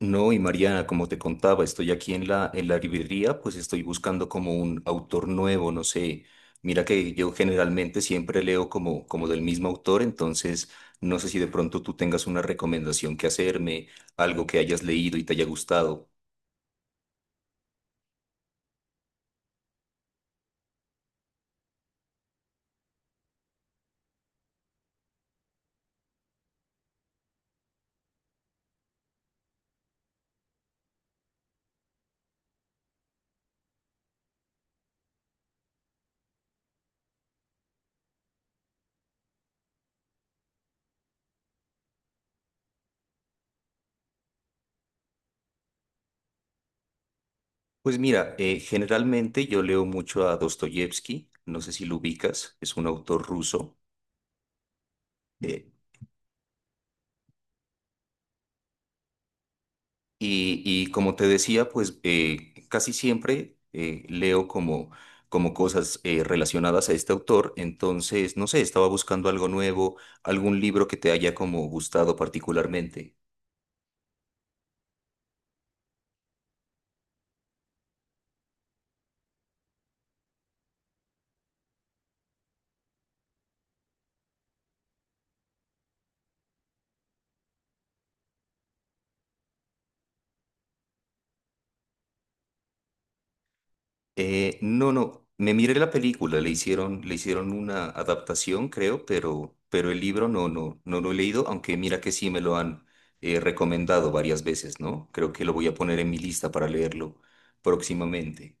No, y Mariana, como te contaba, estoy aquí en la librería, pues estoy buscando como un autor nuevo, no sé. Mira que yo generalmente siempre leo como del mismo autor, entonces no sé si de pronto tú tengas una recomendación que hacerme, algo que hayas leído y te haya gustado. Pues mira, generalmente yo leo mucho a Dostoyevsky, no sé si lo ubicas, es un autor ruso. Y como te decía, pues casi siempre leo como cosas relacionadas a este autor. Entonces, no sé, estaba buscando algo nuevo, algún libro que te haya como gustado particularmente. No, me miré la película, le hicieron una adaptación, creo, pero el libro no lo he leído, aunque mira que sí me lo han recomendado varias veces, ¿no? Creo que lo voy a poner en mi lista para leerlo próximamente.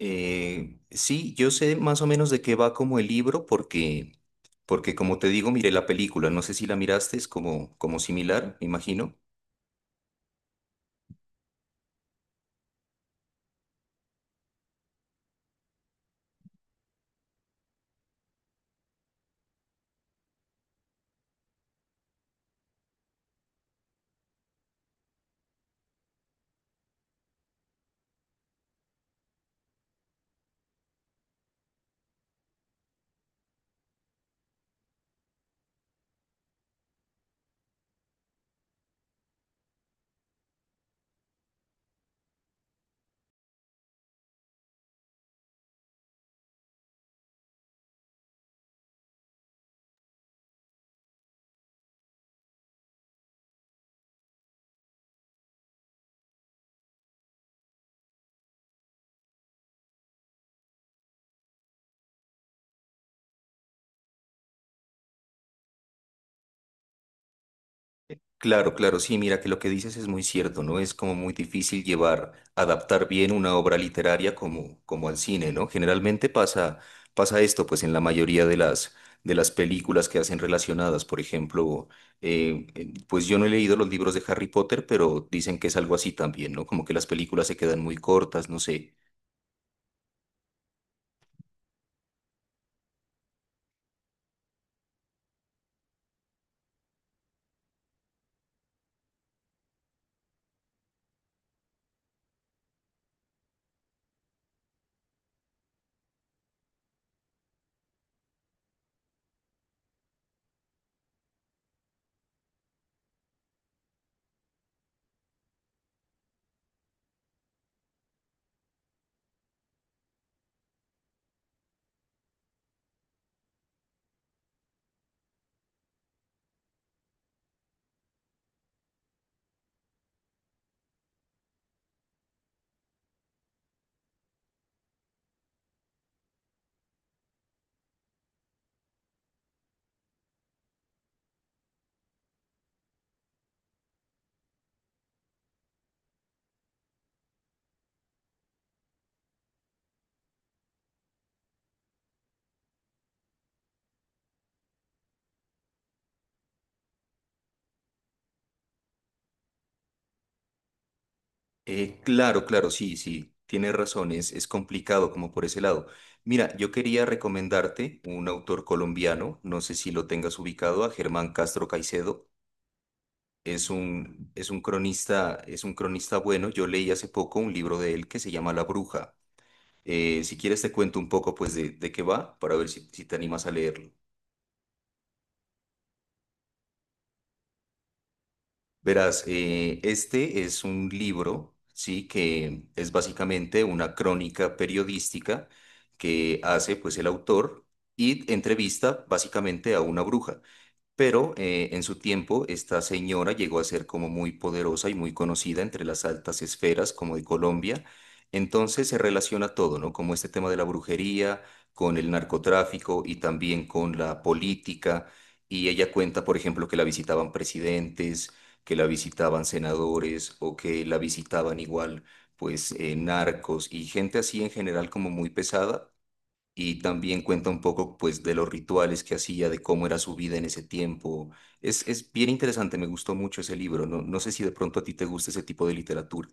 Sí, yo sé más o menos de qué va como el libro porque como te digo, miré la película, no sé si la miraste, es como similar, me imagino. Claro, claro, sí, mira que lo que dices es muy cierto, ¿no? Es como muy difícil llevar, adaptar bien una obra literaria como al cine, ¿no? Generalmente pasa esto, pues en la mayoría de las películas que hacen relacionadas, por ejemplo, pues yo no he leído los libros de Harry Potter, pero dicen que es algo así también, ¿no? Como que las películas se quedan muy cortas, no sé. Claro, claro, sí, sí, tienes razón, es complicado como por ese lado. Mira, yo quería recomendarte un autor colombiano, no sé si lo tengas ubicado, a Germán Castro Caicedo. Es un cronista, es un cronista bueno. Yo leí hace poco un libro de él que se llama La Bruja. Si quieres te cuento un poco pues de qué va para ver si, si te animas a leerlo. Verás, este es un libro, sí, que es básicamente una crónica periodística que hace pues el autor y entrevista básicamente a una bruja. Pero en su tiempo esta señora llegó a ser como muy poderosa y muy conocida entre las altas esferas como de Colombia. Entonces se relaciona todo, ¿no? Como este tema de la brujería, con el narcotráfico y también con la política. Y ella cuenta, por ejemplo, que la visitaban presidentes, que la visitaban senadores o que la visitaban igual, pues, narcos y gente así en general como muy pesada y también cuenta un poco, pues, de los rituales que hacía, de cómo era su vida en ese tiempo. Es bien interesante, me gustó mucho ese libro. No, no sé si de pronto a ti te gusta ese tipo de literatura.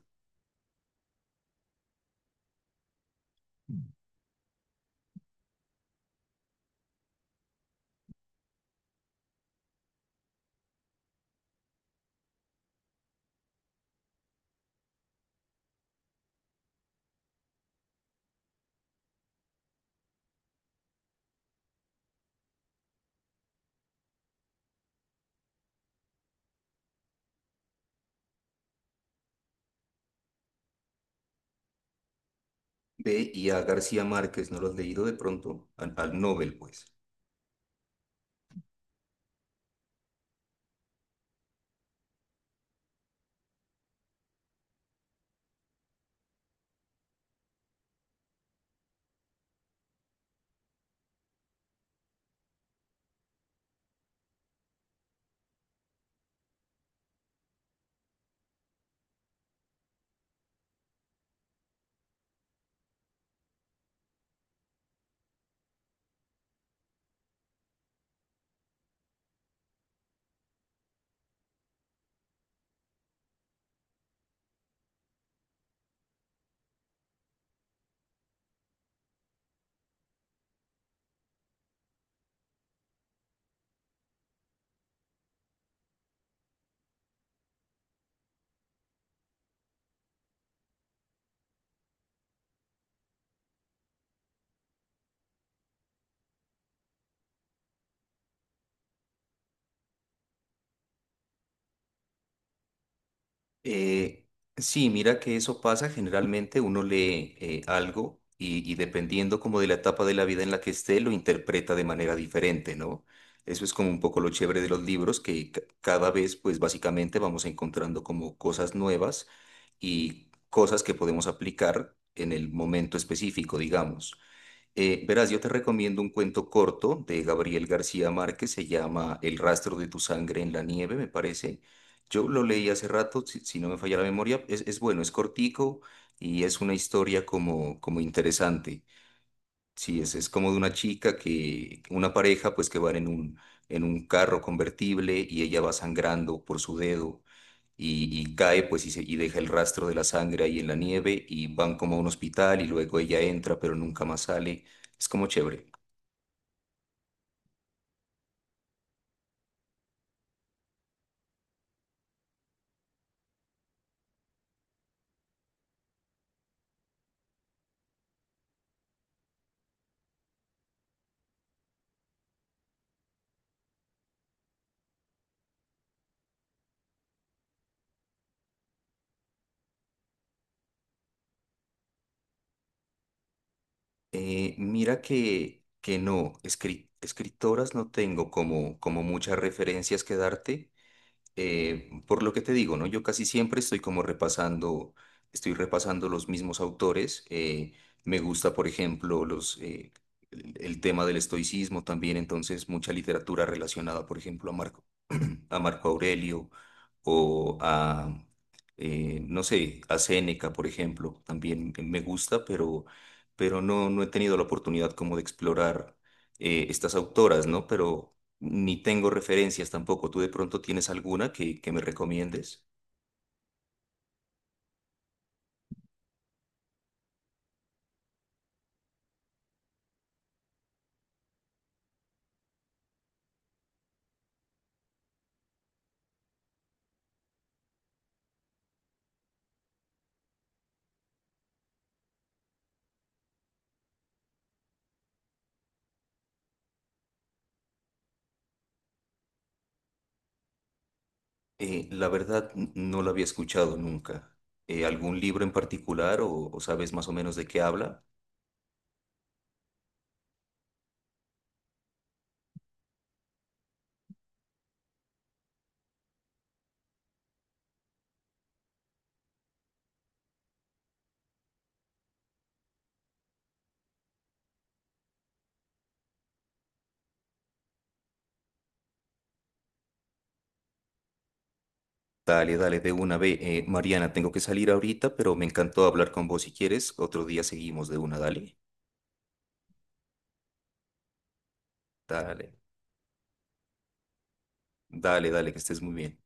Ve, y a García Márquez, ¿no lo has leído de pronto? Al Nobel, pues. Eh, sí, mira que eso pasa. Generalmente uno lee algo y dependiendo como de la etapa de la vida en la que esté, lo interpreta de manera diferente, ¿no? Eso es como un poco lo chévere de los libros, que cada vez, pues, básicamente vamos encontrando como cosas nuevas y cosas que podemos aplicar en el momento específico, digamos. Verás, yo te recomiendo un cuento corto de Gabriel García Márquez, se llama El rastro de tu sangre en la nieve, me parece. Yo lo leí hace rato, si, si no me falla la memoria, es bueno, es cortico y es una historia como interesante. Sí, es como de una chica que, una pareja pues que van en un carro convertible y ella va sangrando por su dedo y cae pues y y deja el rastro de la sangre ahí en la nieve y van como a un hospital y luego ella entra pero nunca más sale. Es como chévere. Mira que no, escritoras no tengo como muchas referencias que darte, por lo que te digo, ¿no? Yo casi siempre estoy como repasando, estoy repasando los mismos autores. Me gusta, por ejemplo, los... el tema del estoicismo también, entonces mucha literatura relacionada, por ejemplo, a Marco Aurelio o a, no sé, a Séneca, por ejemplo. También me gusta, pero no, no he tenido la oportunidad como de explorar estas autoras, ¿no? Pero ni tengo referencias tampoco. ¿Tú de pronto tienes alguna que me recomiendes? La verdad, no la había escuchado nunca. ¿Algún libro en particular o sabes más o menos de qué habla? Dale, dale, de una vez. Mariana, tengo que salir ahorita, pero me encantó hablar con vos si quieres. Otro día seguimos de una, dale. Dale, dale, dale, que estés muy bien.